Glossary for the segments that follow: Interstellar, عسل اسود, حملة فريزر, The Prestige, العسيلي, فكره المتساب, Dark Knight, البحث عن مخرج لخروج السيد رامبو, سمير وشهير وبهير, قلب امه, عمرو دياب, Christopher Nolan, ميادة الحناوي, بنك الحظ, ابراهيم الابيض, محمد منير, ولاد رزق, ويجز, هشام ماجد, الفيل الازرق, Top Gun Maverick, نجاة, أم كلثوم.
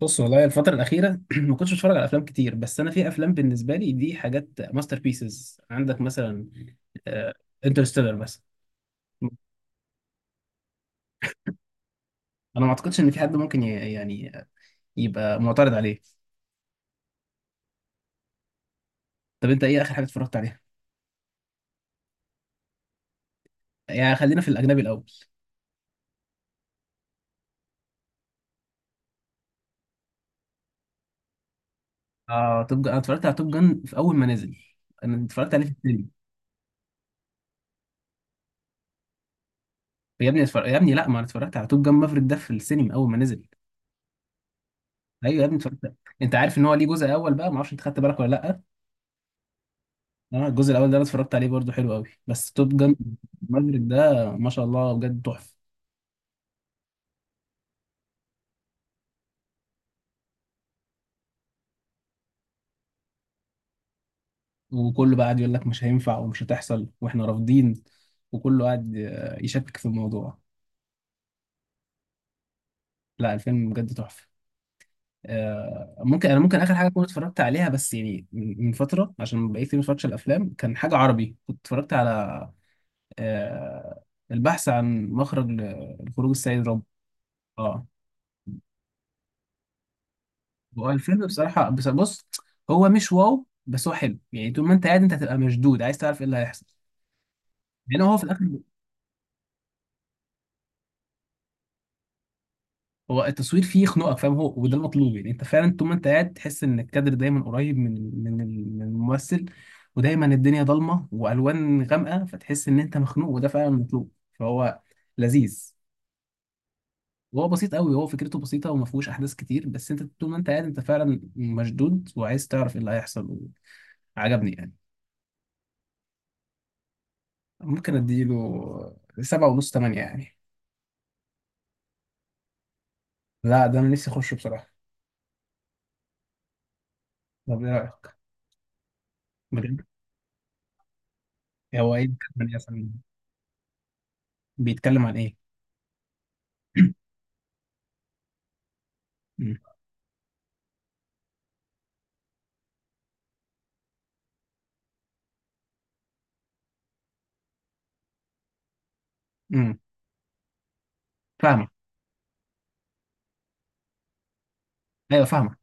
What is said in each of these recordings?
بص والله الفترة الأخيرة ما كنتش بتفرج على أفلام كتير، بس أنا في أفلام بالنسبة لي دي حاجات ماستر بيسز، عندك مثلا انترستيلر بس. أنا ما أعتقدش إن في حد ممكن يعني يبقى معترض عليه. طب أنت إيه آخر حاجة اتفرجت عليها؟ يعني خلينا في الأجنبي الأول. آه، توب جان، أنا اتفرجت على توب جان في أول ما نزل، أنا اتفرجت عليه في السينما. يا ابني لا ما أنا اتفرجت على توب جان مافريك ده في السينما أول ما نزل. أيوه يا ابني اتفرجت. أنت عارف إن هو ليه جزء أول بقى؟ ما أعرفش أنت خدت بالك ولا لأ. انا الجزء الاول ده انا اتفرجت عليه برضو، حلو قوي، بس توب جان مافريك ده ما شاء الله بجد تحفه. وكله بقى قاعد يقول لك مش هينفع ومش هتحصل واحنا رافضين، وكله قاعد يشكك في الموضوع. لا، الفيلم بجد تحفه. ممكن ممكن اخر حاجه كنت اتفرجت عليها، بس يعني من فتره، عشان بقيت كتير ما اتفرجتش على الافلام، كان حاجه عربي كنت اتفرجت على آه، البحث عن مخرج لخروج السيد رامبو. اه. هو الفيلم بصراحة، بس بص، هو مش واو بس هو حلو، يعني طول ما انت قاعد انت هتبقى مشدود عايز تعرف ايه اللي هيحصل. يعني هو في الاخر، هو التصوير فيه يخنقك فاهم، هو وده المطلوب، يعني انت فعلا طول ما انت قاعد تحس ان الكادر دايما قريب من من الممثل، ودايما الدنيا ضلمة والوان غامقة فتحس ان انت مخنوق وده فعلا المطلوب، فهو لذيذ. وهو بسيط قوي، هو فكرته بسيطة وما فيهوش احداث كتير، بس انت طول ما انت قاعد انت فعلا مشدود وعايز تعرف ايه اللي هيحصل. عجبني يعني. ممكن اديله سبعة ونص، تمانية يعني. لا، ده انا نفسي اخشه بصراحة. طب ايه رأيك؟ بجد. هو ايه بيتكلم عن إيه أصلاً؟ بيتكلم عن ايه؟ امم امم فاهمة. ايوه فاهمة.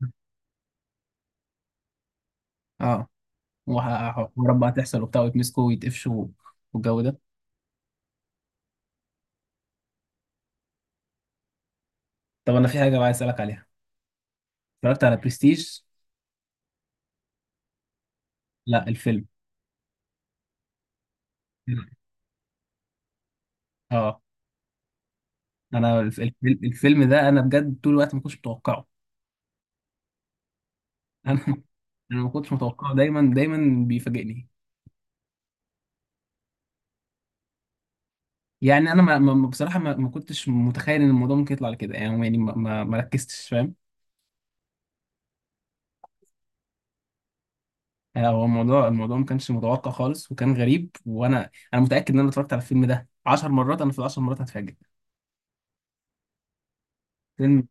اه. وحوارات بقى تحصل وبتاع ويتمسكوا ويتقفشوا والجو ده. طب انا في حاجة بقى عايز اسألك عليها، اتفرجت على برستيج؟ لا الفيلم. اه انا الفيلم ده انا بجد طول الوقت ما كنتش متوقعه. انا، ما كنتش متوقعه، دايما دايما بيفاجئني. يعني انا بصراحه ما كنتش متخيل ان الموضوع ممكن يطلع كده، يعني يعني ما ركزتش فاهم. هو الموضوع ما كانش متوقع خالص وكان غريب، وانا متاكد ان انا اتفرجت على الفيلم ده 10 مرات، انا في العشر مرات هتفاجئ. فيلم.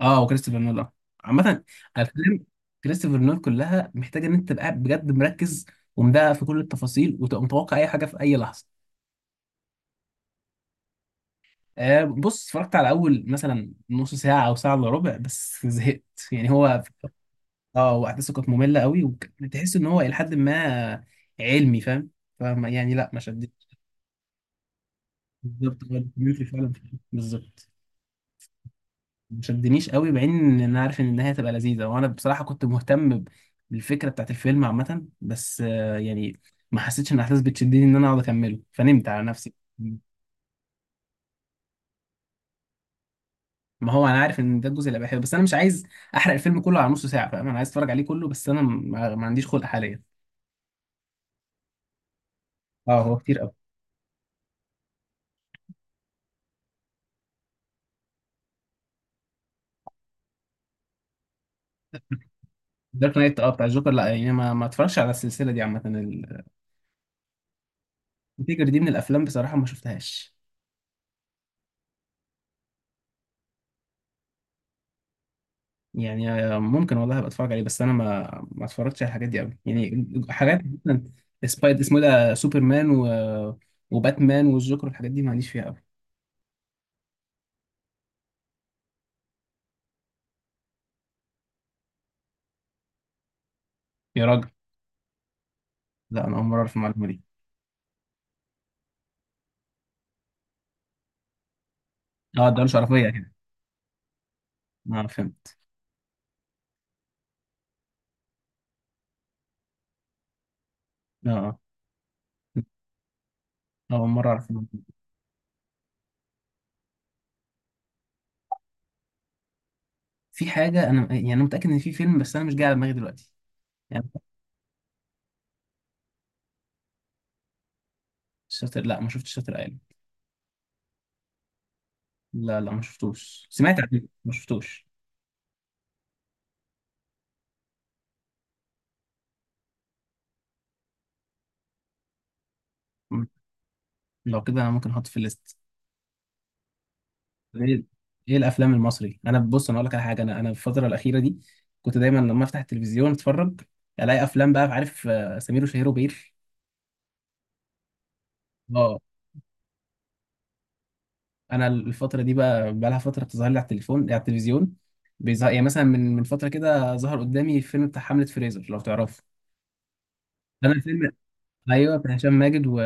اه، وكريستوفر نولان عامه الافلام، كريستوفر نولان كلها محتاجه ان انت تبقى قاعد بجد مركز ومدقق في كل التفاصيل وتبقى متوقع اي حاجه في اي لحظه. آه بص، اتفرجت على اول مثلا نص ساعه او ساعه الا ربع بس زهقت. يعني هو، اه واحداثه كانت ممله قوي، وتحس ان هو الى حد ما علمي فاهم، فما يعني لا ما شدنيش. بالظبط، هو الدوكيومنتري فعلا، بالظبط. ما شدنيش قوي مع ان انا عارف ان النهايه هتبقى لذيذه، وانا بصراحه كنت مهتم بالفكره بتاعت الفيلم عامه، بس يعني ما حسيتش ان الاحداث بتشدني ان انا اقعد اكمله فنمت على نفسي. ما هو انا عارف ان ده الجزء اللي بحبه، بس انا مش عايز احرق الفيلم كله على نص ساعه فاهم، انا عايز اتفرج عليه كله بس انا ما عنديش خلق حاليا. اه هو كتير. دارك نايت، اه بتاع الجوكر، لا يعني ما اتفرجش على السلسله دي عامه، الفكره دي من الافلام بصراحه ما شفتهاش. يعني ممكن والله ابقى اتفرج عليه بس انا ما اتفرجتش على الحاجات دي قوي، يعني حاجات مثلا سبايد اسمه إيه ده، سوبرمان و... وباتمان والجوكر والحاجات دي معليش فيها قوي. يا راجل. لا انا اول مره اعرف المعلومه دي. اه ده مش عرفيه كده. اه فهمت. اه. آه. اول مره اعرف المعلومة دي. في حاجه انا، يعني انا متاكد ان في فيلم بس انا مش جاي على دماغي دلوقتي. يعني شاطر، لا ما شفتش شاطر ايلاند. لا ما شفتوش، سمعت عنه ما شفتوش. مم. لو كده انا ممكن احط في الليست. ايه، ايه الافلام المصري؟ انا بص انا اقول لك على حاجه، انا في الفتره الاخيره دي كنت دايما لما افتح التلفزيون اتفرج، الاقي افلام بقى عارف سمير وشهير وبهير. اه انا الفتره دي بقى لها فتره بتظهر لي على التليفون على التلفزيون، بيظهر، يعني مثلا من فتره كده ظهر قدامي فيلم بتاع حمله فريزر لو تعرفه. انا الفيلم، ايوه بتاع هشام ماجد و...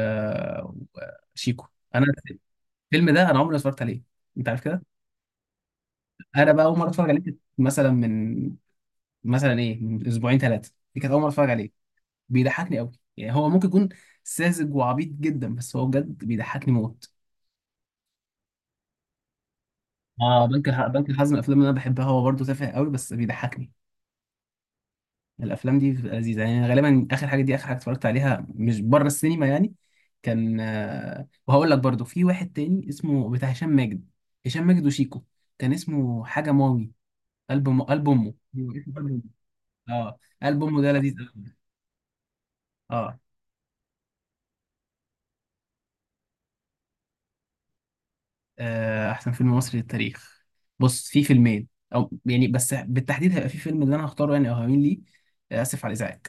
وشيكو. انا الفيلم ده انا عمري ما اتفرجت عليه، انت عارف كده. انا بقى اول مره اتفرج عليه كانت مثلا من، مثلا ايه، من اسبوعين ثلاثه دي كانت اول مره اتفرج عليه. بيضحكني قوي، يعني هو ممكن يكون ساذج وعبيط جدا بس هو بجد بيضحكني موت. اه بنك الحظ من الافلام اللي انا بحبها، هو برضه تافه قوي بس بيضحكني. الافلام دي بتبقى لذيذه يعني، غالبا اخر حاجه دي اخر حاجه اتفرجت عليها مش بره السينما يعني، كان وهقول لك برضه في واحد تاني اسمه بتاع هشام ماجد، هشام ماجد وشيكو، كان اسمه حاجه ماوي، قلب امه، أيوة، اسمه قلب امه. اه قلب امه ده لذيذ قوي. اه. احسن فيلم مصري للتاريخ؟ بص في فيلمين، او يعني بس بالتحديد هيبقى في فيلم اللي انا هختاره يعني او هميل ليه، اسف على الازعاج.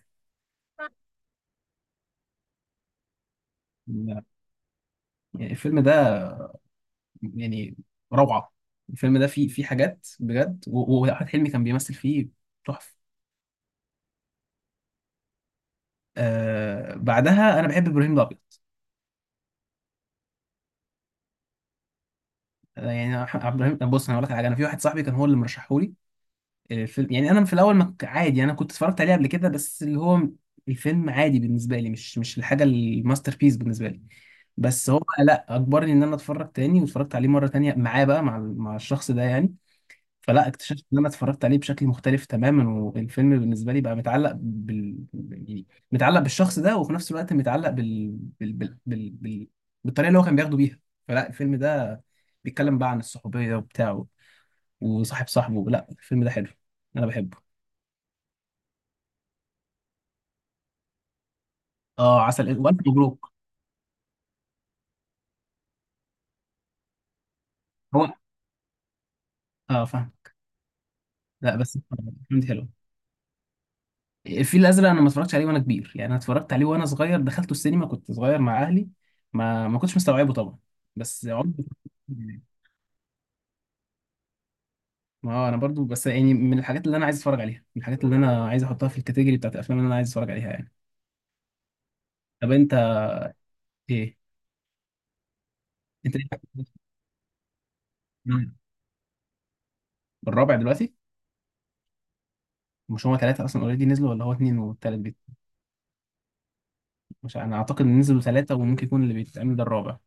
لا، يعني الفيلم ده يعني روعه، الفيلم ده فيه فيه حاجات بجد، واحمد حلمي كان بيمثل فيه تحفه. آه بعدها انا بحب ابراهيم الابيض. يعني ابراهيم بص انا هقول لك على حاجه، انا في واحد صاحبي كان هو اللي مرشحهولي الفيلم، يعني انا في الاول ما ك- عادي انا كنت اتفرجت عليه قبل كده بس اللي هو الفيلم عادي بالنسبه لي، مش مش الحاجه الماستر بيس بالنسبه لي، بس هو لا اجبرني ان انا اتفرج تاني واتفرجت عليه مره تانية معاه بقى مع مع الشخص ده يعني. فلا اكتشفت ان انا اتفرجت عليه بشكل مختلف تماما، والفيلم بالنسبه لي بقى متعلق يعني متعلق بالشخص ده وفي نفس الوقت متعلق بال... بال... بال... بال... بالطريقه اللي هو كان بياخده بيها. فلا الفيلم ده بيتكلم بقى عن الصحوبيه وبتاعه وصاحب صاحبه، لا الفيلم ده حلو، انا بحبه. اه عسل اسود، والف مبروك. هو اه فاهم. لا بس فهمت حلو. الفيل الازرق، انا ما اتفرجتش عليه وانا كبير يعني، انا اتفرجت عليه وانا صغير دخلته السينما كنت صغير مع اهلي، ما ما كنتش مستوعبه طبعا بس عمري. ما هو انا برضو بس يعني من الحاجات اللي انا عايز اتفرج عليها، من الحاجات اللي انا عايز احطها في الكاتيجوري بتاعت الافلام اللي انا عايز اتفرج عليها يعني. طب انت ايه، انت ايه. مم. الرابع دلوقتي. مش هما ثلاثة أصلا أوريدي نزلوا ولا هو اتنين والتالت بيت؟ مش أنا أعتقد إن نزلوا ثلاثة وممكن يكون اللي بيتعمل ده الرابع.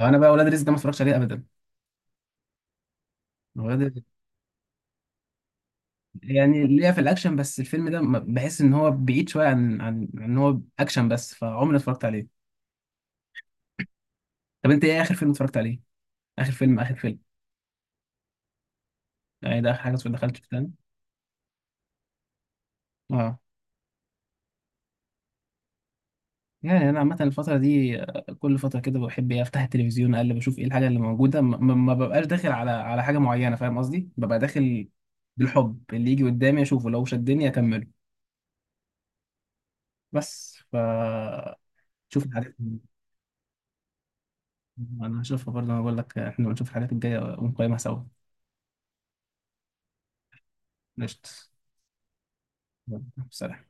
أنا بقى ولاد رزق ده ما اتفرجتش عليه أبدا. ولاد، يعني ليا في الاكشن بس الفيلم ده بحس ان هو بعيد شويه عن ان هو اكشن، بس فعمري ما اتفرجت عليه. طب انت ايه اخر فيلم اتفرجت عليه؟ اخر فيلم، اخر فيلم. يعني ده اخر حاجه دخلت في تاني. اه. يعني انا عامه الفتره دي كل فتره كده بحب إيه، افتح التلفزيون اقلب اشوف ايه الحاجه اللي موجوده، ما ببقاش داخل على حاجه معينه فاهم قصدي، ببقى داخل بالحب اللي يجي قدامي اشوفه لو شدني اكمله، بس ف شوف الحاجات. انا هشوفها برضه، انا بقول لك احنا بنشوف الحاجات الجايه ونقيمها سوا. قشطة. يلا، سلام.